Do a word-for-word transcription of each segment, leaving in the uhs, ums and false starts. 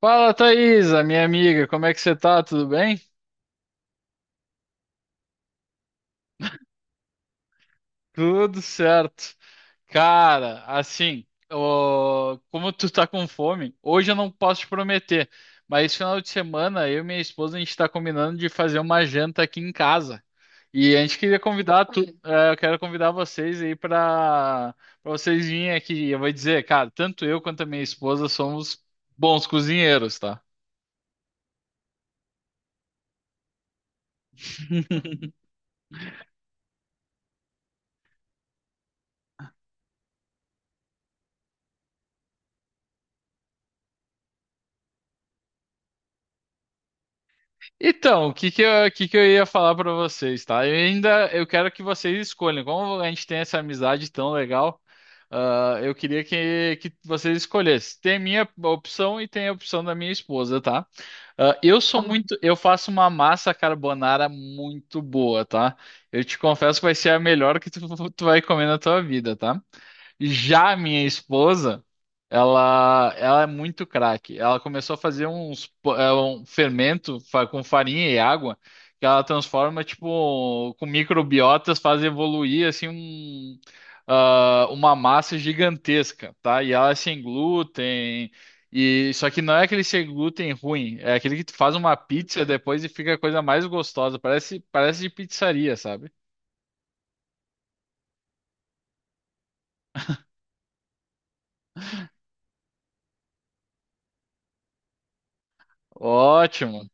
Fala, Thaisa, minha amiga, como é que você tá? Tudo bem? Tudo certo. Cara, assim, ó, como tu tá com fome, hoje eu não posso te prometer, mas esse final de semana eu e minha esposa a gente tá combinando de fazer uma janta aqui em casa. E a gente queria convidar tu, é, eu quero convidar vocês aí pra para vocês virem aqui. Eu vou dizer, cara, tanto eu quanto a minha esposa somos bons cozinheiros, tá? Então, o que que eu, o que que eu ia falar pra vocês, tá? Eu ainda eu quero que vocês escolham. Como a gente tem essa amizade tão legal, ah, eu queria que, que vocês escolhessem. Tem a minha opção e tem a opção da minha esposa, tá? Ah, eu sou muito, eu faço uma massa carbonara muito boa, tá? Eu te confesso que vai ser a melhor que tu, tu vai comer na tua vida, tá? Já a minha esposa, ela, ela é muito craque. Ela começou a fazer uns, po- é, um fermento fa- com farinha e água que ela transforma, tipo, com microbiotas, faz evoluir, assim, um, ah, uma massa gigantesca, tá? E ela é sem glúten, e só que não é aquele sem glúten ruim, é aquele que tu faz uma pizza depois e fica a coisa mais gostosa, parece, parece de pizzaria, sabe? Ótimo.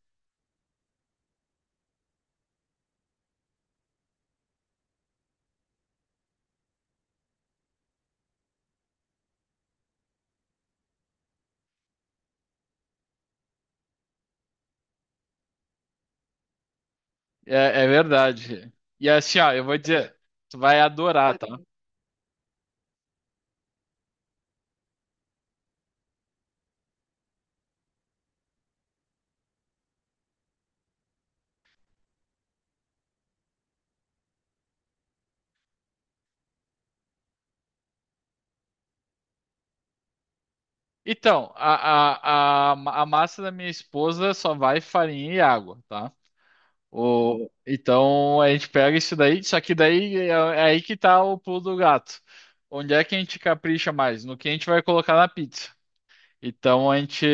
É, é verdade. E assim, ó, eu vou dizer, tu vai adorar, tá? Então, a, a, a, a massa da minha esposa só vai farinha e água, tá? O, então a gente pega isso daí, só que daí é, é aí que tá o pulo do gato. Onde é que a gente capricha mais? No que a gente vai colocar na pizza. Então a gente.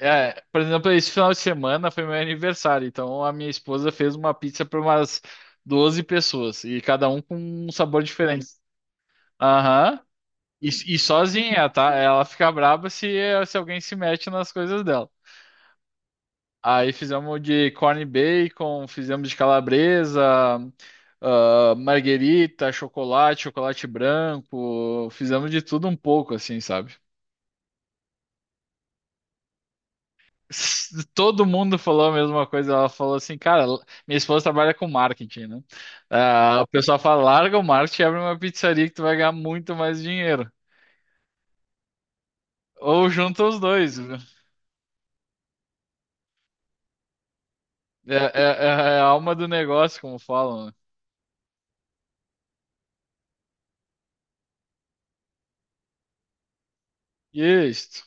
É, por exemplo, esse final de semana foi meu aniversário. Então a minha esposa fez uma pizza para umas doze pessoas. E cada um com um sabor diferente. Aham. E, e sozinha, tá? Ela fica braba se, se alguém se mete nas coisas dela. Aí fizemos de corn bacon, fizemos de calabresa, ah, marguerita, chocolate, chocolate branco, fizemos de tudo um pouco, assim, sabe? S- Todo mundo falou a mesma coisa. Ela falou assim, cara, minha esposa trabalha com marketing, né? Ah, o pessoal fala, larga o marketing e abre uma pizzaria que tu vai ganhar muito mais dinheiro. Ou junta os dois. É, é- é é a alma do negócio, como falam, né? Isso.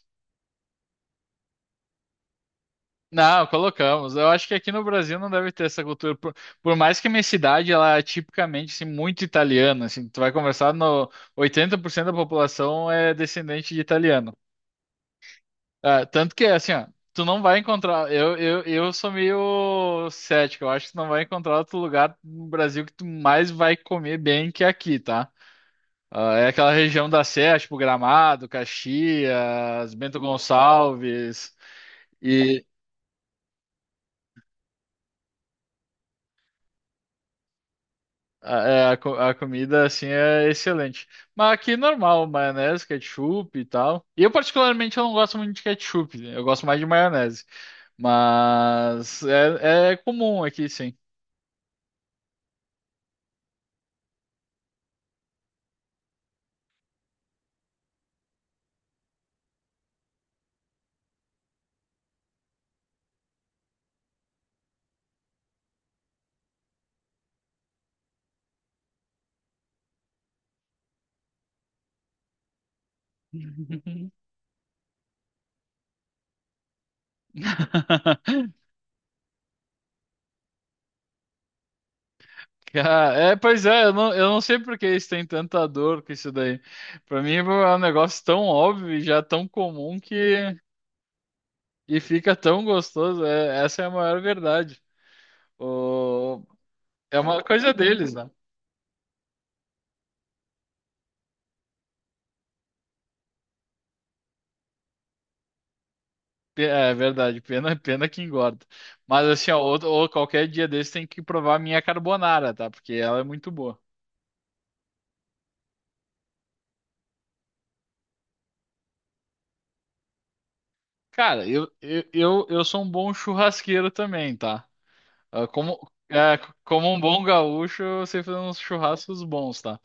Não, colocamos. Eu acho que aqui no Brasil não deve ter essa cultura. Por, por mais que a minha cidade, ela é tipicamente assim, muito italiana. Assim, tu vai conversar no oitenta por cento da população é descendente de italiano. Ah, tanto que, assim, ó, tu não vai encontrar. Eu, eu, eu sou meio cético. Eu acho que tu não vai encontrar outro lugar no Brasil que tu mais vai comer bem que aqui, tá? Ah, é aquela região da Serra, tipo Gramado, Caxias, Bento Gonçalves. E a, é, a, co- a comida, assim, é excelente. Mas aqui, é normal, maionese, ketchup e tal. E eu, particularmente, eu não gosto muito de ketchup, né? Eu gosto mais de maionese. Mas é, é comum aqui, sim. Ah, É, pois é, eu não, eu não sei por que eles têm tanta dor com isso daí. Pra mim é um negócio tão óbvio e já tão comum que. E fica tão gostoso, é- essa é a maior verdade. O- é uma coisa deles, né? Pe- É verdade, pena, pena que engorda. Mas assim, ó, outro- ou qualquer dia desse tem que provar a minha carbonara, tá? Porque ela é muito boa. Cara, eu, eu, eu, eu sou um bom churrasqueiro também, tá? Ah, Como, é, como um bom gaúcho, eu sei fazer uns churrascos bons, tá?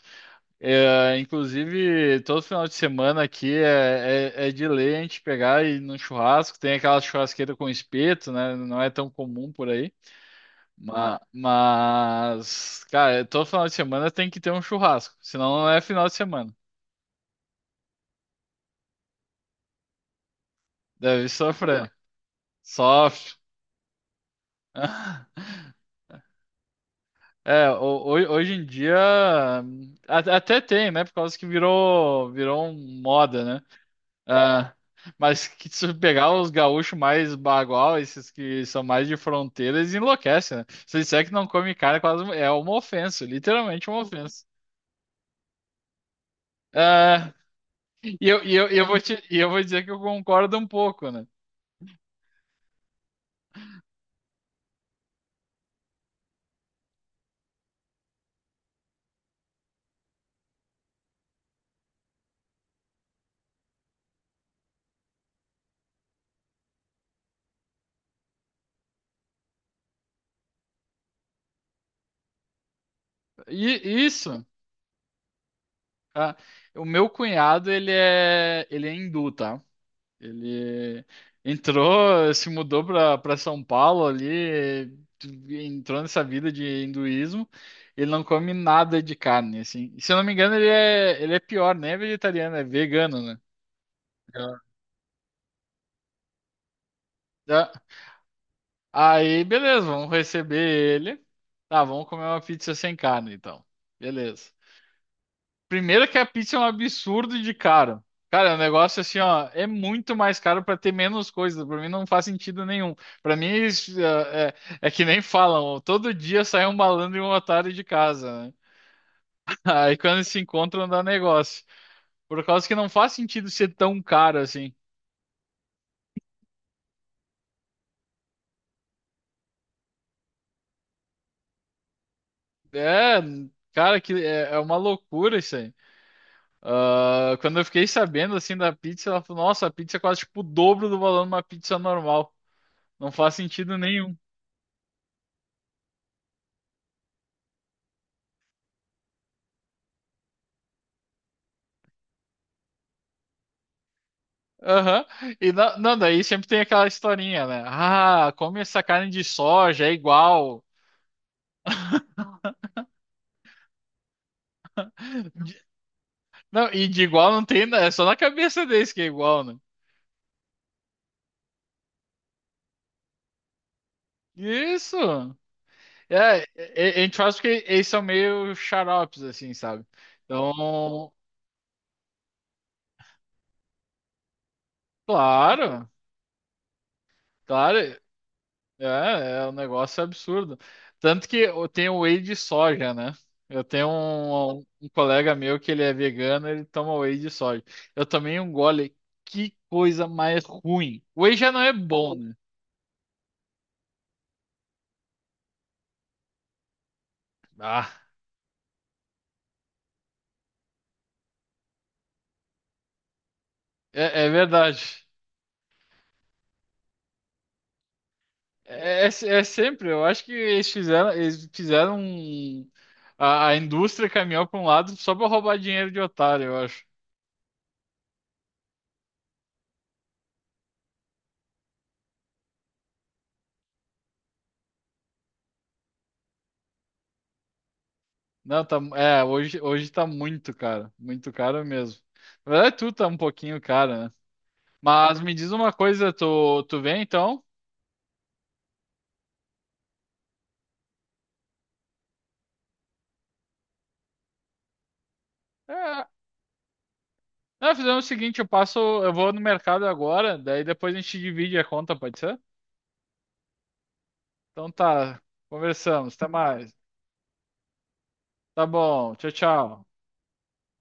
É, inclusive, todo final de semana aqui é, é, é de lei a gente pegar e ir num churrasco. Tem aquela churrasqueira com espeto, né? Não é tão comum por aí. Ma- Mas, cara, todo final de semana tem que ter um churrasco. Senão não é final de semana. Deve sofrer. Sofre. É, ho- ho- Hoje em dia hum, a- até tem, né? Por causa que virou, virou um moda, né? Ah, mas que se pegar os gaúchos mais bagual, esses que são mais de fronteira, eles enlouquecem, né? Se disser que não come carne, é quase é uma ofensa, literalmente uma ofensa. Ah, e eu, e eu, e eu vou te, e eu vou dizer que eu concordo um pouco, né? E isso, ah, o meu cunhado, ele é, ele é hindu, tá? Ele entrou, se mudou para para São Paulo ali, entrou nessa vida de hinduísmo. Ele não come nada de carne, assim. E, se eu não me engano, ele é, ele é pior, nem é vegetariano, é vegano, né? É. É. Aí, beleza, vamos receber ele. Tá, vamos comer uma pizza sem carne, então. Beleza. Primeiro que a pizza é um absurdo de caro. Cara, o negócio assim, ó, é muito mais caro pra ter menos coisa. Pra mim não faz sentido nenhum. Pra mim isso, é, é- é que nem falam, ó, todo dia sai um malandro e um otário de casa, né? Aí quando se encontram dá negócio. Por causa que não faz sentido ser tão caro assim. É, cara, que é, é uma loucura isso aí. Ah, quando eu fiquei sabendo assim da pizza, ela falou, nossa, a pizza é quase tipo o dobro do valor de uma pizza normal. Não faz sentido nenhum. Aham. E na- não, daí sempre tem aquela historinha, né? Ah, come essa carne de soja, é igual. Não, e de igual não tem, né? É só na cabeça deles que é igual, né? Isso! É, é- é- a gente faz porque eles são meio xaropes, assim, sabe? Então, claro, claro. É, é um negócio absurdo. Tanto que eu tenho whey de soja, né? Eu tenho um, um um colega meu que ele é vegano, ele toma whey de soja. Eu tomei um gole, que coisa mais ruim. Whey já não é bom, né? Ah, é, é verdade. É, é, é sempre, eu acho que eles fizeram, eles fizeram um, a, a indústria caminhou para um lado só para roubar dinheiro de otário, eu acho. Não, tá, é, hoje, hoje tá muito caro, muito caro mesmo. Na verdade, tudo tá um pouquinho caro, né? Mas me diz uma coisa, tu, tu vem então? É, não, fizemos o seguinte, eu passo, eu vou no mercado agora, daí depois a gente divide a conta, pode ser? Então tá, conversamos, até mais. Tá bom, tchau, tchau.